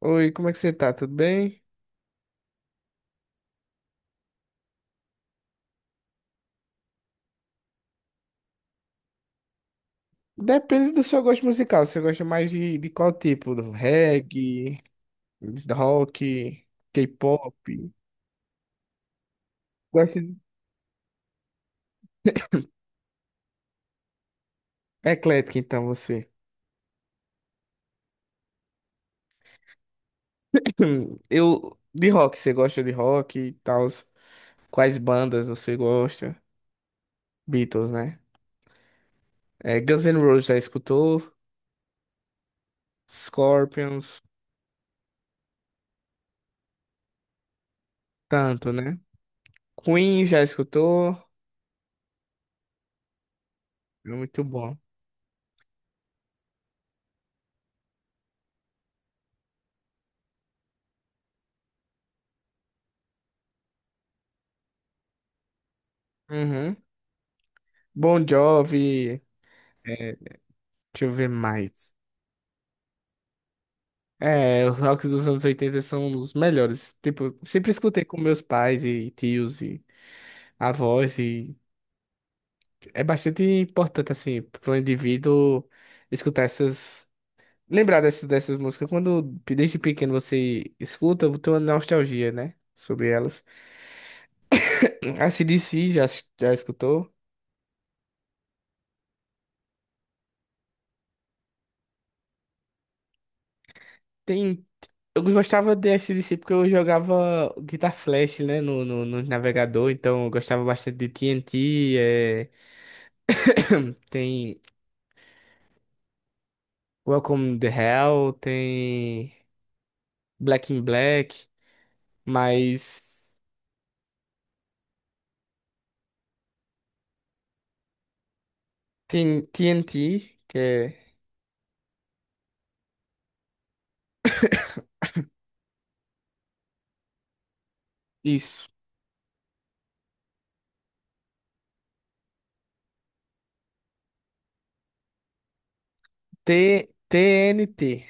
Oi, como é que você tá? Tudo bem? Depende do seu gosto musical. Você gosta mais de qual tipo? Do Reggae, rock, K-pop? Gosta de... É eclético, então, você. De rock, você gosta de rock e tal? Quais bandas você gosta? Beatles, né? É, Guns N' Roses já escutou? Scorpions, tanto, né? Queen já escutou? É muito bom. Uhum. Bon Jovi, é, deixa eu ver mais. É, os rocks dos anos 80 são os melhores. Tipo, sempre escutei com meus pais e tios e avós e é bastante importante assim para o indivíduo escutar essas, lembrar dessas músicas. Quando desde pequeno você escuta, tem uma nostalgia, né, sobre elas. A C D C já escutou? Tem eu gostava de D C porque eu jogava Guitar Flash, né, no navegador, então eu gostava bastante de T TNT, tem Welcome the Hell, tem Black in Black, mas tem TNT, que é. Isso. T TNT.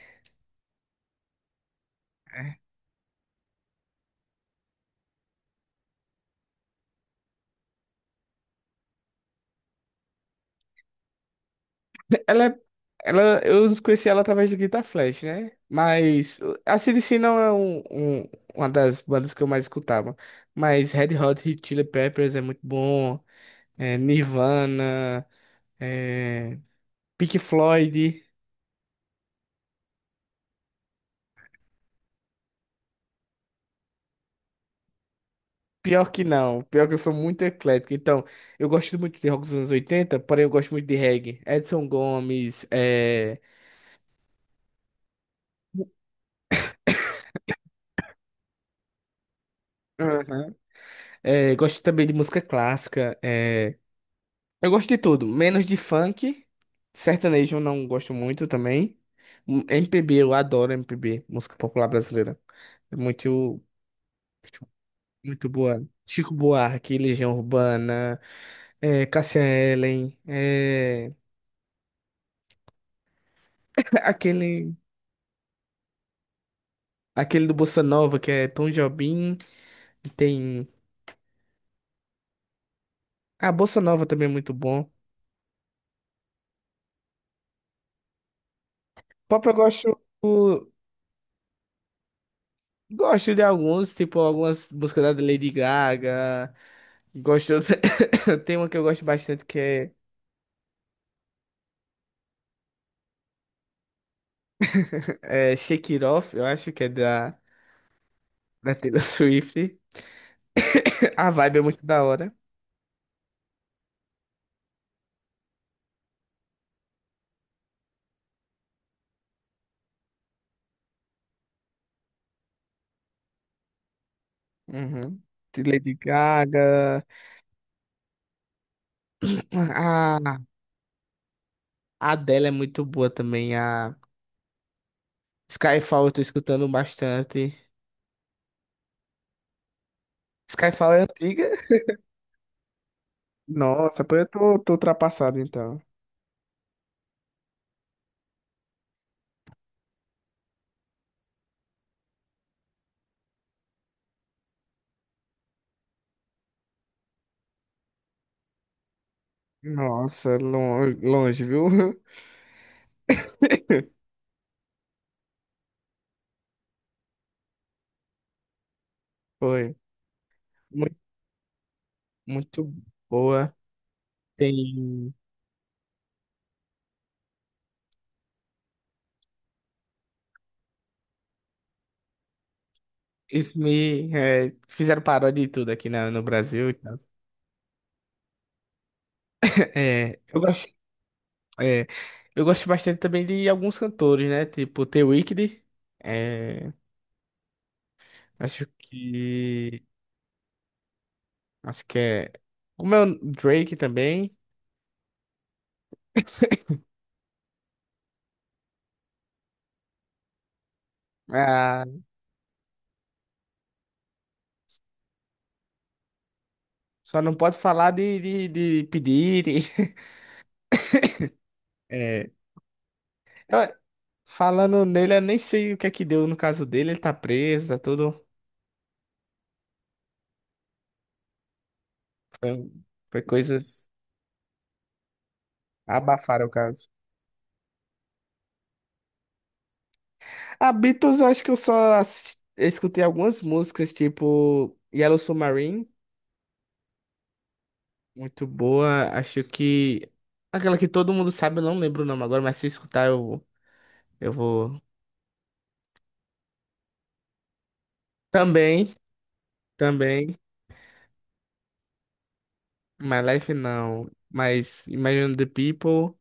Ela, é- ela, eu conheci ela através do Guitar Flash, né? Mas a CDC não é uma das bandas que eu mais escutava. Mas Red Hot Chili Peppers é muito bom, é Nirvana, é Pink Floyd. Pior que não. Pior que eu sou muito eclético. Então, eu gosto muito de rock dos anos 80, porém eu gosto muito de reggae. Edson Gomes, Aham. É, gosto também de música clássica. É, eu gosto de tudo, menos de funk. Sertanejo eu não gosto muito também. MPB, eu adoro MPB, música popular brasileira. É muito, muito boa. Chico Buarque, Legião Urbana, Cássia Eller, aquele, aquele do Bossa Nova que é Tom Jobim. Tem. A Bossa Nova também é muito bom. Pop eu gosto. Gosto de alguns, tipo algumas músicas da Lady Gaga. Gosto. Tem uma que eu gosto bastante que é Shake It Off, eu acho que é da Taylor Swift. A vibe é muito da hora. Uhum. De Lady Gaga. A, a Adele é muito boa também. A Skyfall eu tô escutando bastante. Skyfall é antiga? Nossa, pô, eu tô ultrapassado então. Nossa, longe, viu? Foi. Muito, muito boa. Tem. Isso me. É, fizeram paródia de tudo aqui na, no Brasil e tal. É, é, eu gosto bastante também de alguns cantores, né? Tipo, The Weeknd. é, Acho que. Acho que é. Como é o Drake também. Ah, só não pode falar de pedir. É, eu, Falando nele, eu nem sei o que é que deu no caso dele. Ele tá preso, tá tudo. Foi, foi coisas. Abafaram o caso. A Beatles, eu acho que eu só escutei algumas músicas, tipo Yellow Submarine, muito boa. Acho que. Aquela que todo mundo sabe, eu não lembro o nome agora, mas se eu escutar, eu vou. Também, também. My Life não. Mas Imagine the People.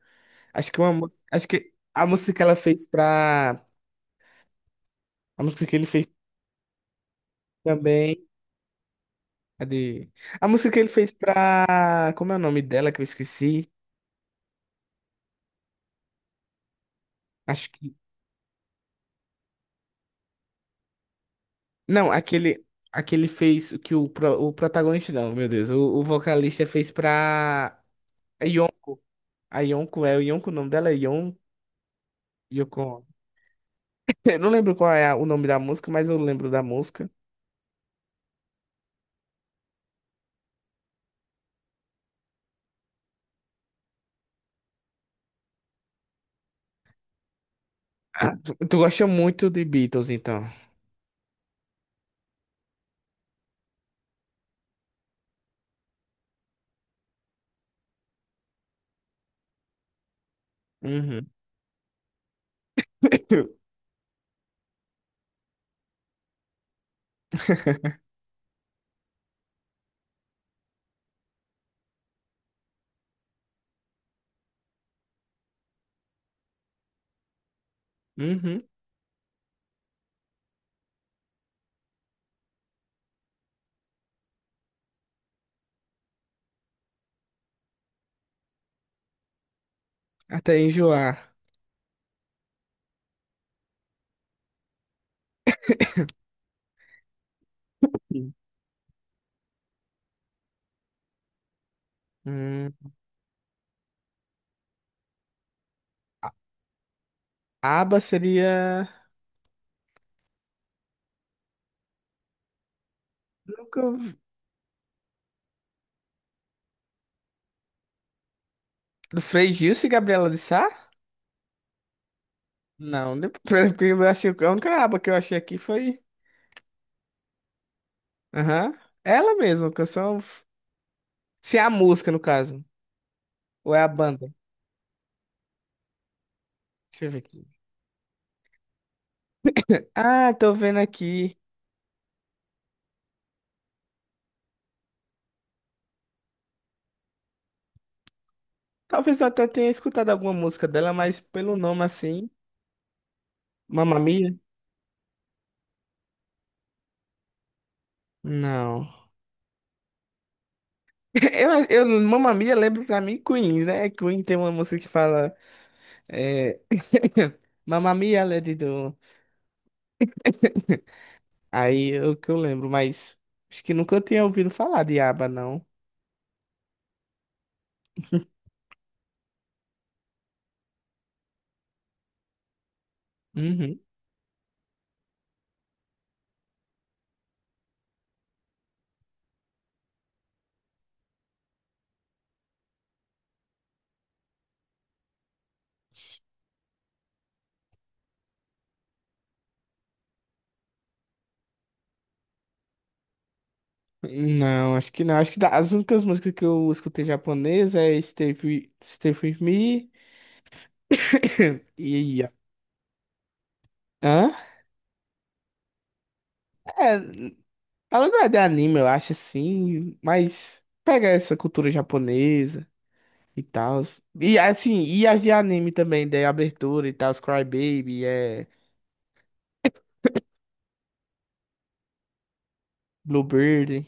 Acho que uma. Acho que a música que ela fez pra. A música que ele fez. Também. Cadê? A música que ele fez pra. Como é o nome dela que eu esqueci? Acho que. Não, aquele. Aquele fez o que o protagonista, não, meu Deus. O vocalista fez pra. A Yon... a Yonko, é o Yonko, o nome dela é Yon... Yoko. Eu não lembro qual é o nome da música, mas eu lembro da música. Ah, tu gosta muito de Beatles, então. Uhum. Uhum. Até enjoar. Sim. Hum. A- ABBA seria. Nunca... ouvi. Do Frei Gilson e Gabriela de Sá? Não, depois, porque eu achei, a única aba que eu achei aqui foi. Aham. Ela mesma, canção. Se é a música, no caso. Ou é a banda. Deixa eu ver aqui. Ah, tô vendo aqui. Talvez eu até tenha escutado alguma música dela, mas pelo nome assim. Mamma Mia? Não. Mamma Mia lembra pra mim Queen, né? Queen tem uma música que fala. É... Mamma Mia, Lady Do. Aí é o que eu lembro, mas acho que nunca eu tinha ouvido falar de aba, não. Uhum. Não, acho que não. Acho que as únicas músicas que eu escutei japonesa é Stay With, Stay Free With Me e... Hã? É, ela não é de anime, eu acho, assim, mas pega essa cultura japonesa e tal. E, assim, e as de anime também, de abertura e tal, Cry Baby, é Bluebird,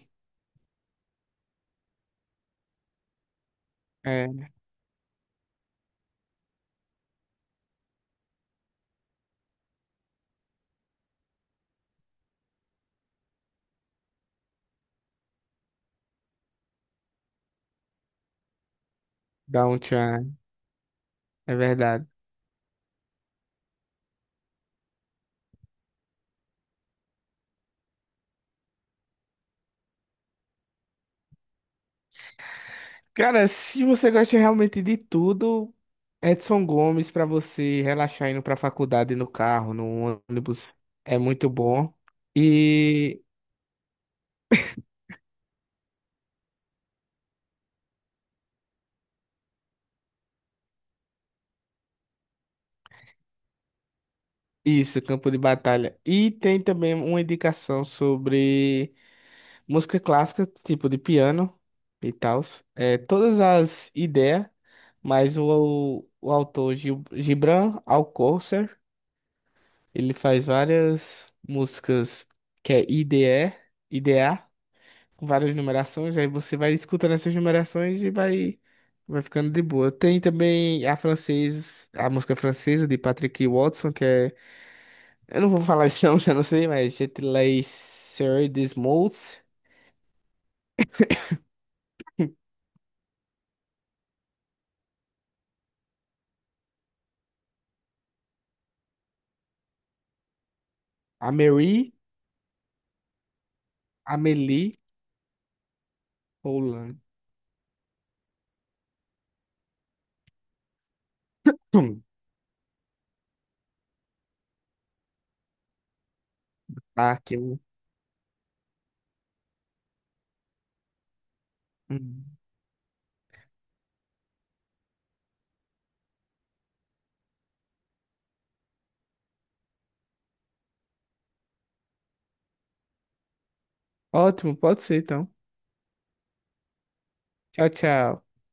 é Down Chan, é verdade. Cara, se você gosta realmente de tudo, Edson Gomes pra você relaxar indo pra faculdade no carro, no ônibus, é muito bom. E isso, campo de batalha. E tem também uma indicação sobre música clássica, tipo de piano e tal. É, todas as ideias, mas o autor Gibran Alcocer, ele faz várias músicas que é IDE, IDA. Com várias numerações, aí você vai escutando essas numerações e vai ficando de boa. Tem também a francesa, a música francesa de Patrick Watson, que é. Eu não vou falar isso não, que eu não sei, mas Je te laisserai des mots, Amélie, Amélie Poulain. Hum, Tá. Hum. Ótimo, pode ser então. Tchau, tchau.